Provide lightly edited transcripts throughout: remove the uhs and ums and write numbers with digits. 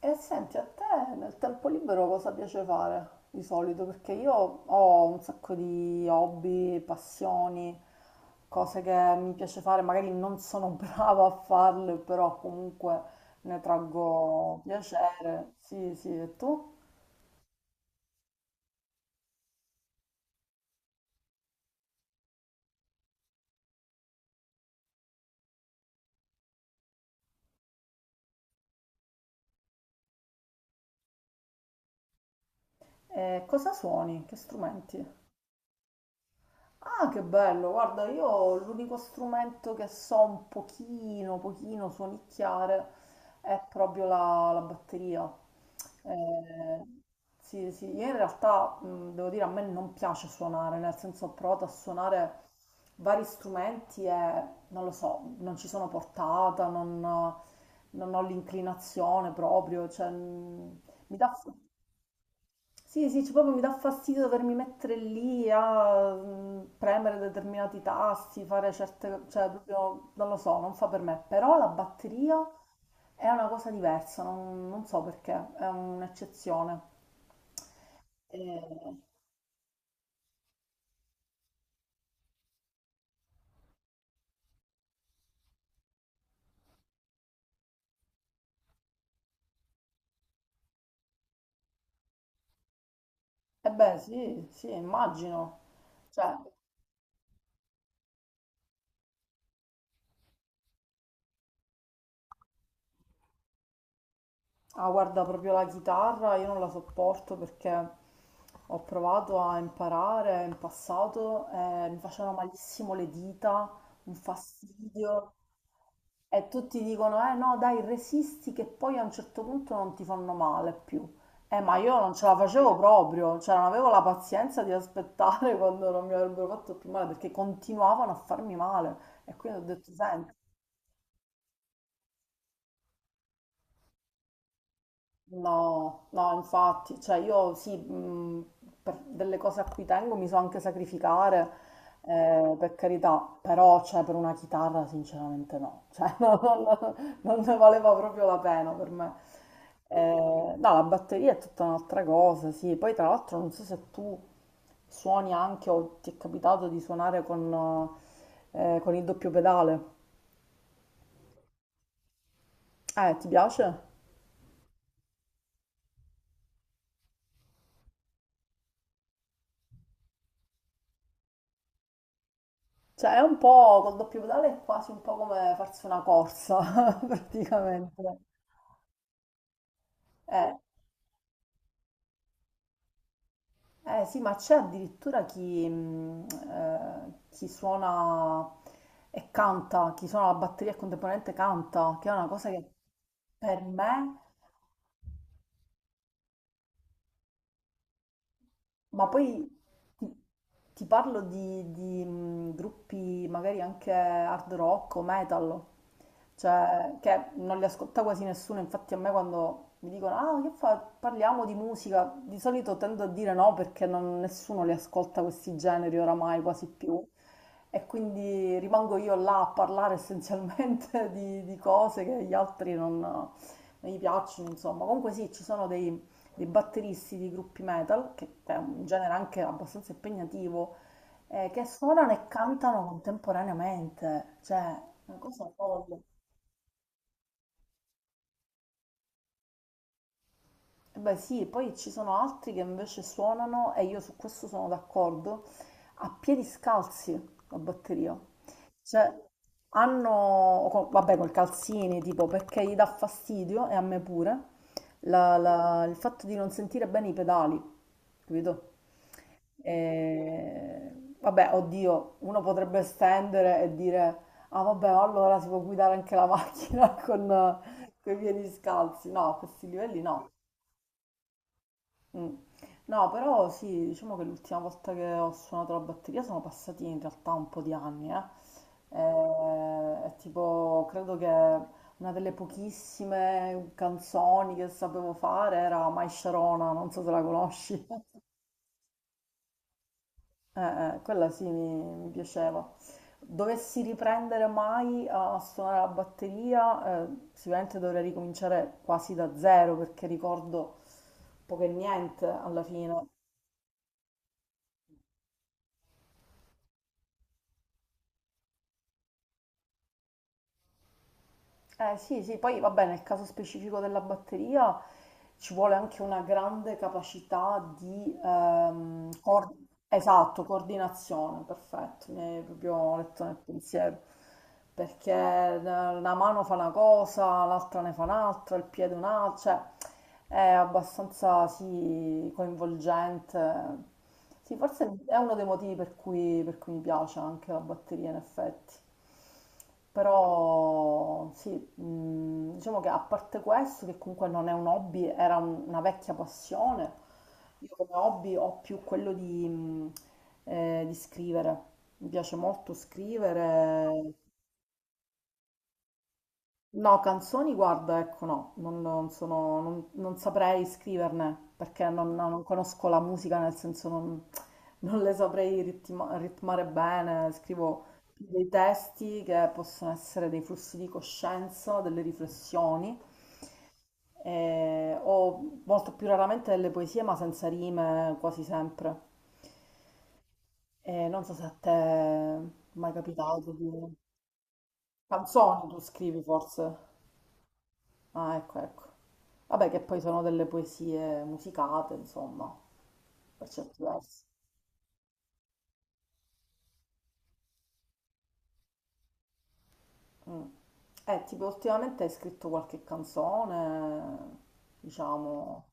E senti, a te nel tempo libero cosa piace fare di solito? Perché io ho un sacco di hobby, passioni, cose che mi piace fare, magari non sono brava a farle, però comunque ne traggo piacere. Sì, sì, e tu? E cosa suoni? Che strumenti? Ah, che bello, guarda, io l'unico strumento che so un pochino suonicchiare è proprio la batteria. Eh, sì, sì, io in realtà devo dire a me non piace suonare, nel senso ho provato a suonare vari strumenti e non lo so, non ci sono portata, non ho l'inclinazione proprio, cioè, mi dà... Sì, sì, cioè proprio mi dà fastidio dovermi mettere lì a premere determinati tasti, fare certe, cioè proprio non lo so, non fa per me. Però la batteria è una cosa diversa, non so perché, è un'eccezione. E, e beh, sì, sì, immagino. Cioè, ah, guarda, proprio la chitarra io non la sopporto perché ho provato a imparare in passato e mi facevano malissimo le dita, un fastidio. E tutti dicono, eh no, dai, resisti che poi a un certo punto non ti fanno male più. Ma io non ce la facevo proprio, cioè non avevo la pazienza di aspettare quando non mi avrebbero fatto più male, perché continuavano a farmi male. E quindi ho detto, senti. No, no, infatti, cioè io sì, per delle cose a cui tengo mi so anche sacrificare, per carità, però cioè, per una chitarra sinceramente no, cioè, non- non ne valeva proprio la pena per me. No, la batteria è tutta un'altra cosa, sì, poi tra l'altro non so se tu suoni anche o ti è capitato di suonare con il doppio pedale, ti piace? Cioè, è un po' col doppio pedale è quasi un po' come farsi una corsa, praticamente. Eh, sì, ma c'è addirittura chi, chi suona e canta, chi suona la batteria e contemporaneamente canta, che è una cosa che per me. Ma poi ti, ti parlo di, gruppi magari anche hard rock o metal, cioè che non li ascolta quasi nessuno, infatti a me quando mi dicono ah che fa? Parliamo di musica, di solito tendo a dire no perché nessuno li ascolta questi generi oramai quasi più e quindi rimango io là a parlare essenzialmente di cose che gli altri non gli piacciono, insomma. Comunque sì, ci sono dei batteristi di gruppi metal, che è un genere anche abbastanza impegnativo, che suonano e cantano contemporaneamente, cioè una cosa folle. Eh beh sì, poi ci sono altri che invece suonano, e io su questo sono d'accordo, a piedi scalzi la batteria. Cioè, hanno, vabbè, col calzini, tipo, perché gli dà fastidio, e a me pure, il fatto di non sentire bene i pedali, capito? Vabbè, oddio, uno potrebbe estendere e dire, ah vabbè, allora si può guidare anche la macchina con i piedi scalzi. No, a questi livelli no. Mm. No, però sì, diciamo che l'ultima volta che ho suonato la batteria sono passati in realtà un po' di anni, eh. È tipo, credo che una delle pochissime canzoni che sapevo fare era My Sharona, non so se la conosci. Quella sì, mi piaceva. Dovessi riprendere mai a suonare la batteria, sicuramente dovrei ricominciare quasi da zero perché ricordo poco e niente alla fine. Eh sì, sì, poi vabbè, nel caso specifico della batteria ci vuole anche una grande capacità di esatto, coordinazione, perfetto, mi hai proprio letto nel pensiero, perché una mano fa una cosa, l'altra ne fa un'altra, il piede un'altra, cioè è abbastanza sì, coinvolgente. Sì, forse è uno dei motivi per cui mi piace anche la batteria in effetti. Però sì, diciamo che a parte questo, che comunque non è un hobby, era una vecchia passione, io come hobby ho più quello di scrivere. Mi piace molto scrivere. No, canzoni, guarda, ecco, no, non saprei scriverne perché non, no, non conosco la musica, nel senso non, non le saprei ritmare bene. Scrivo dei testi che possono essere dei flussi di coscienza, delle riflessioni, o molto più raramente delle poesie, ma senza rime quasi sempre. E non so se a te è mai capitato di... Canzoni tu scrivi forse? Ah, ecco, ecco. Vabbè, che poi sono delle poesie musicate, insomma, per certi versi. Mm. Tipo, ultimamente hai scritto qualche canzone, diciamo.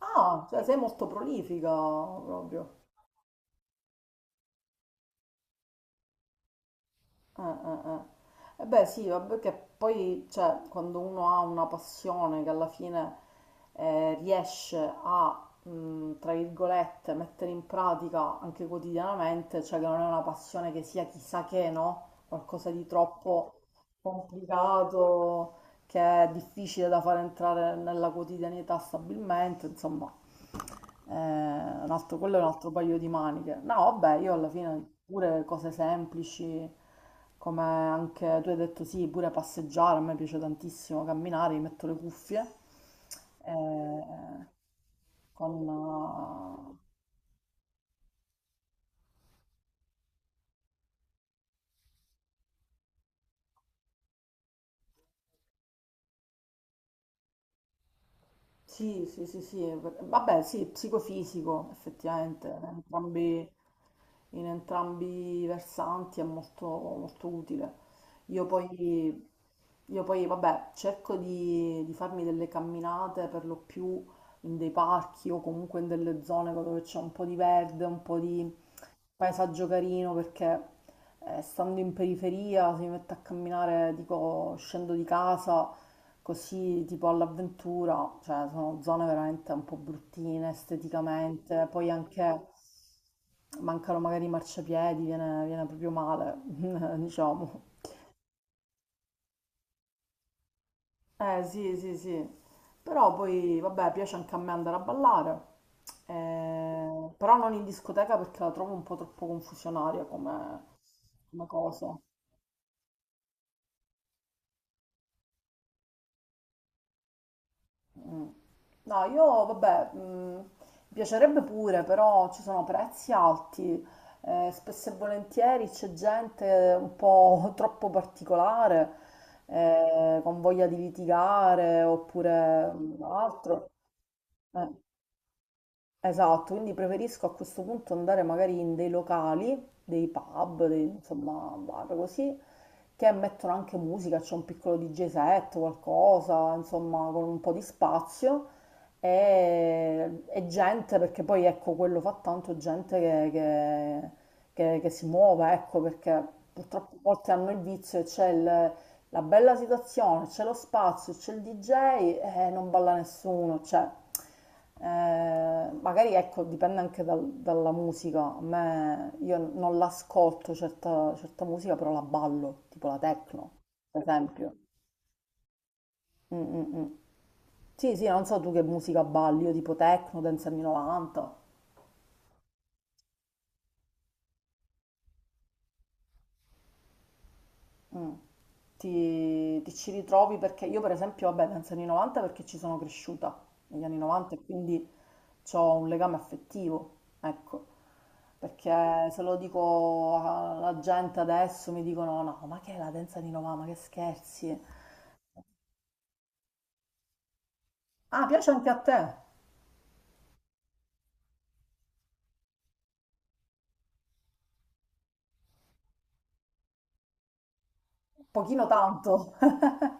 Ah, cioè sei molto prolifica proprio. Eh. Eh beh sì, vabbè che poi cioè, quando uno ha una passione che alla fine riesce a, tra virgolette, mettere in pratica anche quotidianamente, cioè che non è una passione che sia chissà che, no? Qualcosa di troppo complicato, che è difficile da far entrare nella quotidianità stabilmente, insomma, quello è un altro paio di maniche. No, vabbè, io alla fine pure cose semplici, come anche tu hai detto sì, pure passeggiare, a me piace tantissimo camminare, mi metto le cuffie, eh, con, sì, sì, sì, sì, vabbè, sì, psicofisico, effettivamente, in entrambi i versanti è molto, molto utile. Io poi, io poi, vabbè, cerco di farmi delle camminate per lo più in dei parchi o comunque in delle zone dove c'è un po' di verde, un po' di paesaggio carino, perché stando in periferia, se mi metto a camminare, dico, scendo di casa così tipo all'avventura, cioè sono zone veramente un po' bruttine esteticamente, poi anche mancano magari i marciapiedi, viene proprio male, diciamo. Sì, però poi vabbè piace anche a me andare a ballare, però non in discoteca perché la trovo un po' troppo confusionaria come, come cosa. No, io vabbè, mi piacerebbe pure, però ci sono prezzi alti, spesso e volentieri c'è gente un po' troppo particolare, con voglia di litigare oppure altro. Eh, Esatto, quindi preferisco a questo punto andare magari in dei locali, dei pub, dei, insomma, bar così, che mettono anche musica, c'è un piccolo DJ set, qualcosa, insomma, con un po' di spazio e gente, perché poi ecco, quello fa tanto gente che si muova, ecco, perché purtroppo molti hanno il vizio, la bella situazione, c'è lo spazio, c'è il DJ e non balla nessuno, cioè, magari ecco, dipende anche dalla musica, a me, io non l'ascolto certa, certa musica, però la ballo, tipo la techno, per esempio. Mm, mm, mm. Sì, sì, non so tu che musica balli, io tipo techno, dance anni 90. Mm. Ti ci ritrovi perché io per esempio, vabbè, penso anni 90 perché ci sono cresciuta negli anni 90 e quindi ho un legame affettivo, ecco, perché se lo dico alla gente adesso mi dicono no, ma che è la danza di 90, ma che scherzi. Ah, piace anche a te, pochino tanto.